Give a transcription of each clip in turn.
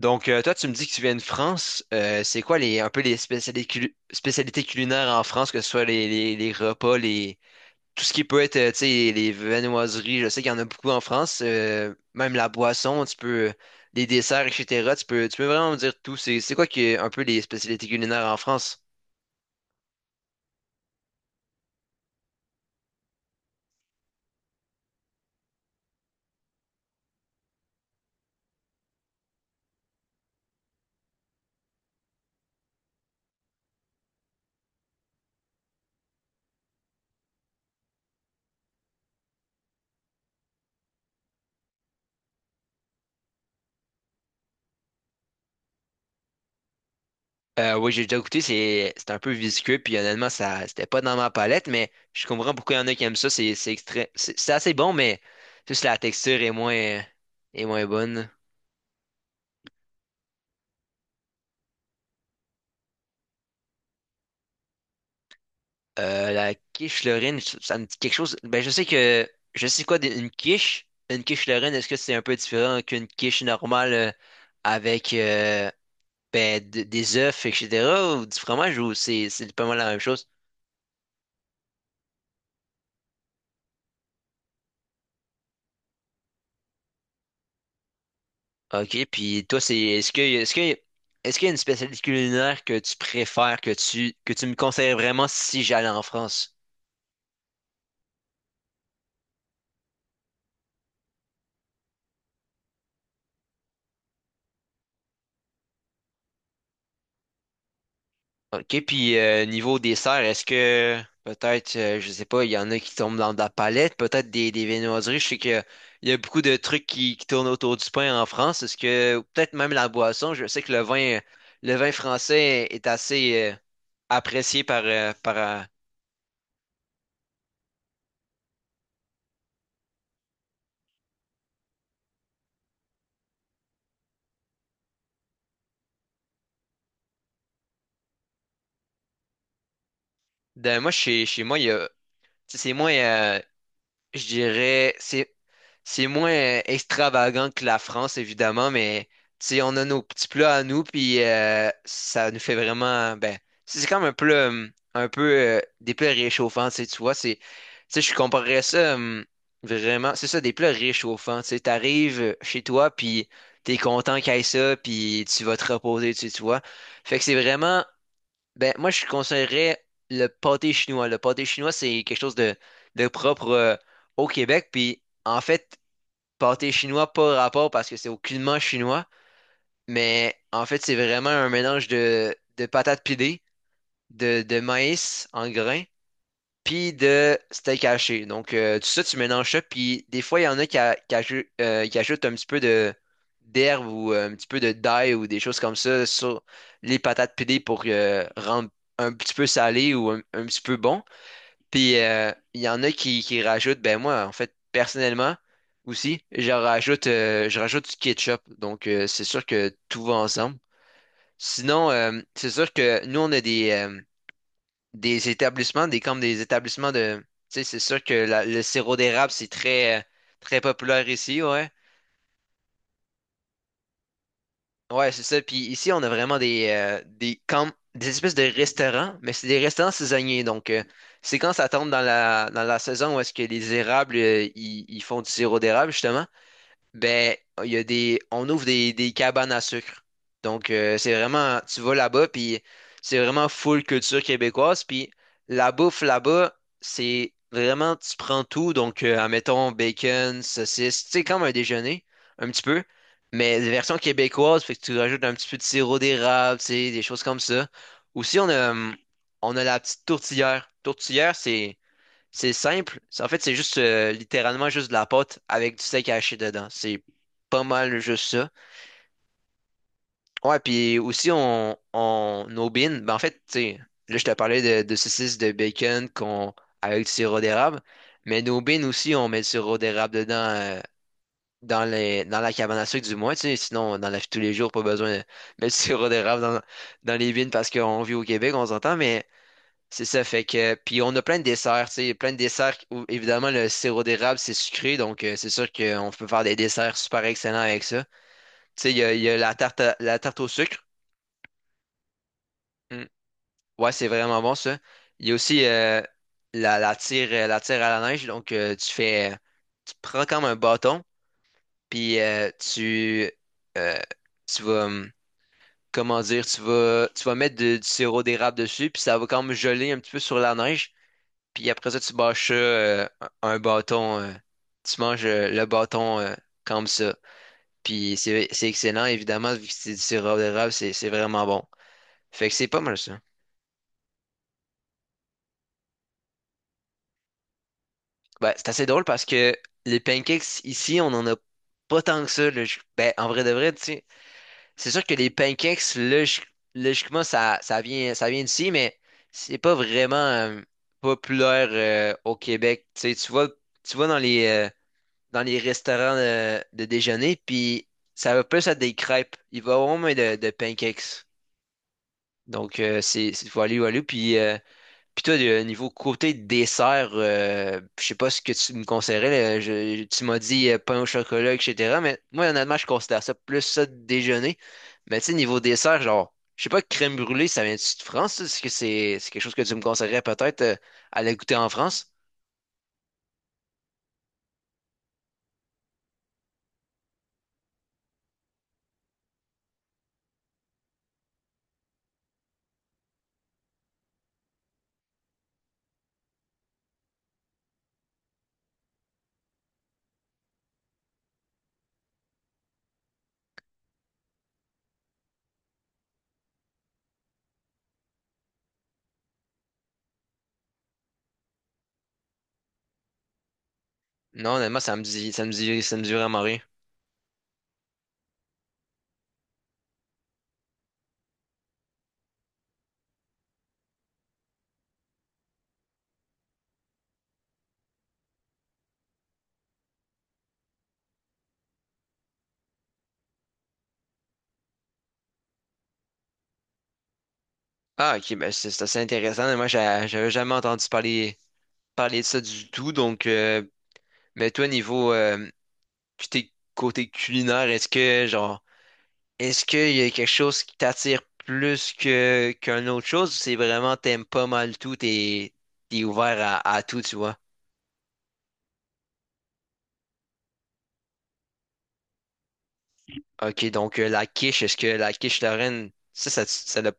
Donc, toi, tu me dis que tu viens de France. C'est quoi les, un peu les spécialités, spécialités culinaires en France, que ce soit les repas, les, tout ce qui peut être, tu sais, les viennoiseries. Je sais qu'il y en a beaucoup en France. Même la boisson, tu peux, les desserts, et cetera. Tu peux vraiment me dire tout. C'est quoi qui est un peu les spécialités culinaires en France? Oui, j'ai déjà goûté. C'est un peu visqueux. Puis honnêtement, ça, c'était pas dans ma palette, mais je comprends pourquoi il y en a qui aiment ça. C'est extra- c'est assez bon, mais juste la texture est moins bonne. La quiche Lorraine, ça me dit quelque chose. Ben, je sais que, je sais quoi d'une quiche. Une quiche Lorraine, est-ce que c'est un peu différent qu'une quiche normale, avec des œufs, etc., ou du fromage, ou c'est pas mal la même chose? Ok, puis toi, c'est est-ce qu'il y a une spécialité culinaire que tu préfères, que tu me conseilles vraiment si j'allais en France? OK, puis niveau dessert, est-ce que peut-être, je sais pas, il y en a qui tombent dans de la palette, peut-être des viennoiseries. Je sais qu'il y a beaucoup de trucs qui tournent autour du pain en France. Est-ce que, ou peut-être même la boisson, je sais que le vin français est assez, apprécié par, moi, chez moi, il y a, tu sais, c'est moins, je dirais, c'est moins extravagant que la France, évidemment, mais tu sais, on a nos petits plats à nous, puis ça nous fait vraiment, ben, c'est comme un plat, un peu des plats réchauffants, tu sais, tu vois, c'est, tu sais, je comparerais ça, vraiment, c'est ça, des plats réchauffants, tu sais, t'arrives chez toi, puis t'es content qu'il y ait ça, puis tu vas te reposer, tu sais, tu vois. Fait que c'est vraiment, ben, moi, je conseillerais le pâté chinois. Le pâté chinois, c'est quelque chose de propre, au Québec. Puis, en fait, pâté chinois, pas rapport parce que c'est aucunement chinois. Mais en fait, c'est vraiment un mélange de patates pilées, de maïs en grains, puis de steak haché. Donc, tout ça, tu mélanges ça. Puis, des fois, il y en a qui, qui ajoutent un petit peu de d'herbe ou un petit peu de d'ail ou des choses comme ça sur les patates pilées pour rendre un petit peu salé ou un petit peu bon. Puis, il y en a qui, rajoutent, ben moi, en fait, personnellement, aussi, je rajoute du ketchup. Donc, c'est sûr que tout va ensemble. Sinon, c'est sûr que nous, on a des établissements, des comme des établissements de. Tu sais, c'est sûr que le sirop d'érable, c'est très, très populaire ici, ouais. Ouais, c'est ça. Puis ici, on a vraiment comme, des espèces de restaurants, mais c'est des restaurants saisonniers. Donc, c'est quand ça tombe dans la saison où est-ce que les érables, ils font du sirop d'érable, justement. Ben, il y a des, on ouvre des cabanes à sucre. Donc, c'est vraiment, tu vas là-bas, puis c'est vraiment full culture québécoise. Puis la bouffe là-bas, c'est vraiment, tu prends tout. Donc, admettons, bacon, saucisse, tu sais, comme un déjeuner, un petit peu. Mais version québécoise, fait que tu rajoutes un petit peu de sirop d'érable, tu sais, des choses comme ça. Aussi, on a la petite tourtière. Tourtière, c'est simple. En fait, c'est juste littéralement juste de la pâte avec du steak haché dedans. C'est pas mal juste ça. Ouais, puis aussi on aubine. Ben, en fait, tu sais, là je te parlais de saucisses de bacon qu'on avec du sirop d'érable, mais nos bines aussi on met du sirop d'érable dedans, dans la cabane à sucre du moins, tu sais, sinon dans la vie de tous les jours pas besoin de mettre du sirop d'érable dans les bines parce qu'on vit au Québec, on s'entend, mais c'est ça, fait que. Puis on a plein de desserts, tu sais, plein de desserts où évidemment le sirop d'érable, c'est sucré, donc c'est sûr qu'on peut faire des desserts super excellents avec ça. Tu sais, il y a la tarte au sucre. Mm. Ouais, c'est vraiment bon ça. Il y a aussi la tire à la neige, donc tu fais. Tu prends comme un bâton, puis euh, tu vas. Comment dire, tu vas mettre du sirop d'érable dessus, puis ça va comme geler un petit peu sur la neige. Puis après ça, tu bâches ça, un bâton. Tu manges le bâton, comme ça. Puis c'est excellent, évidemment, vu que c'est du sirop d'érable, c'est vraiment bon. Fait que c'est pas mal ça. Ben, c'est assez drôle parce que les pancakes ici, on en a pas tant que ça, là. Ben, en vrai de vrai, tu sais, c'est sûr que les pancakes, logiquement, ça vient d'ici, mais c'est pas vraiment populaire, au Québec. Tu sais, tu vois, dans les, restaurants de déjeuner, puis ça va plus à des crêpes. Il va avoir moins de pancakes. Donc, c'est voilu, voilu. Puis toi, niveau côté dessert, je sais pas ce que tu me conseillerais, là. Tu m'as dit pain au chocolat, etc. Mais moi, honnêtement, je considère ça plus ça de déjeuner. Mais tu sais, niveau dessert, genre, je sais pas, crème brûlée, ça vient-tu de France? Ça? Est-ce que c'est quelque chose que tu me conseillerais peut-être, à aller goûter en France? Non, honnêtement, ça me dit, ça me dit, ça me dit vraiment rien. Ah, ok, ben c'est assez intéressant. Moi, j'avais jamais entendu parler de ça du tout. Donc, mais toi, niveau côté culinaire, est-ce que, genre, est-ce qu'il y a quelque chose qui t'attire plus que qu'une autre chose ou c'est vraiment t'aimes pas mal tout, t'es ouvert à tout, tu vois? Ok, donc la quiche, est-ce que la quiche Lorraine,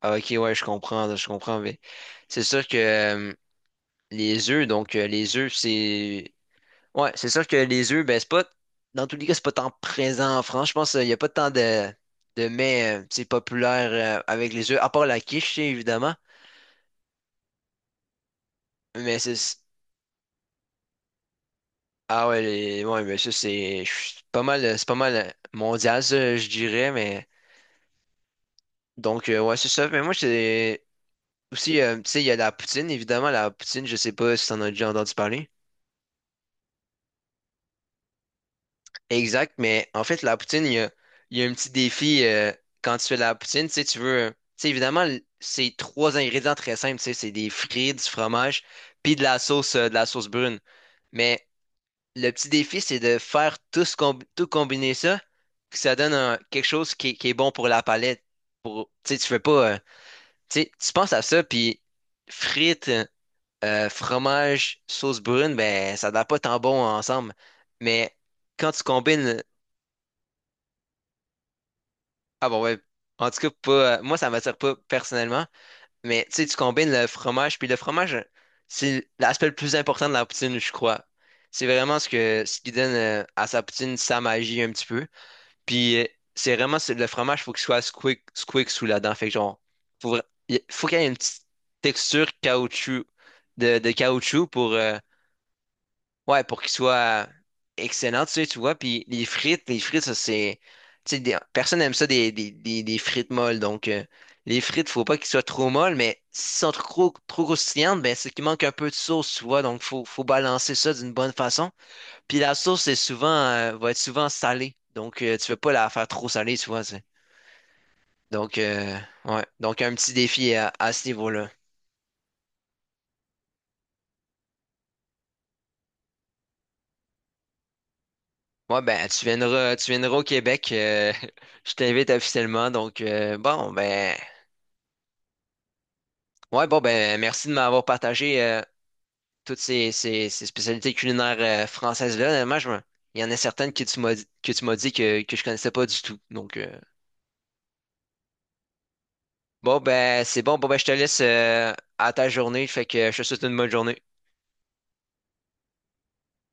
ah, ok, ouais, je comprends, mais c'est sûr que, les œufs, donc les œufs, c'est. Ouais, c'est sûr que les œufs, ben, c'est pas, dans tous les cas, c'est pas tant présent en France. Je pense qu'il n'y a pas tant de mets, c'est populaire, avec les œufs, à part la quiche, tu sais, évidemment. Mais c'est. Ah ouais, ouais, mais ça, c'est je suis pas mal, c'est pas mal, mondial, ça, je dirais. Mais donc, ouais, c'est ça. Mais moi, c'est aussi, tu sais, il y a la poutine, évidemment. La poutine, je sais pas si t'en as déjà entendu parler. Exact, mais en fait, la poutine, il y a un petit défi, quand tu fais de la poutine, tu sais, tu veux, tu sais, évidemment, c'est trois ingrédients très simples, tu sais, c'est des frites, du fromage, puis de la sauce brune. Mais le petit défi, c'est de faire tout, tout combiner ça, que ça donne quelque chose qui est bon pour la palette. Pour, tu sais, tu fais pas, tu sais, tu penses à ça, puis frites, fromage, sauce brune, ben, ça n'a pas tant bon ensemble. Mais quand tu combines. Ah bon, ouais. En tout cas, pas, moi, ça m'attire pas personnellement. Mais tu sais, tu combines le fromage. Puis le fromage, c'est l'aspect le plus important de la poutine, je crois. C'est vraiment ce que ce qui donne, à sa poutine sa magie un petit peu. Puis le fromage, faut qu'il soit squick, squick sous la dent. Fait que genre, faut, il faut qu'il y ait une petite texture caoutchouc de caoutchouc pour, ouais, pour qu'il soit excellent, tu sais, tu vois. Puis les frites, ça c'est. Tu sais, personne n'aime ça des frites molles. Donc, les frites, faut pas qu'ils soient trop molles, mais s'ils sont trop, trop croustillantes, ben c'est qu'il manque un peu de sauce, tu vois. Donc, faut balancer ça d'une bonne façon. Puis la sauce, c'est souvent, va être souvent salée. Donc, tu veux pas la faire trop salée, tu vois. C'est. Donc, ouais. Donc, un petit défi à ce niveau-là. Ouais, ben, tu viendras au Québec. Je t'invite officiellement. Donc, bon, ben. Ouais, bon, ben, merci de m'avoir partagé toutes ces spécialités culinaires françaises-là. Honnêtement, il y en a certaines que tu m'as dit que je connaissais pas du tout. Donc, bon, ben, c'est bon. Bon, ben, je te laisse, à ta journée. Fait que je te souhaite une bonne journée.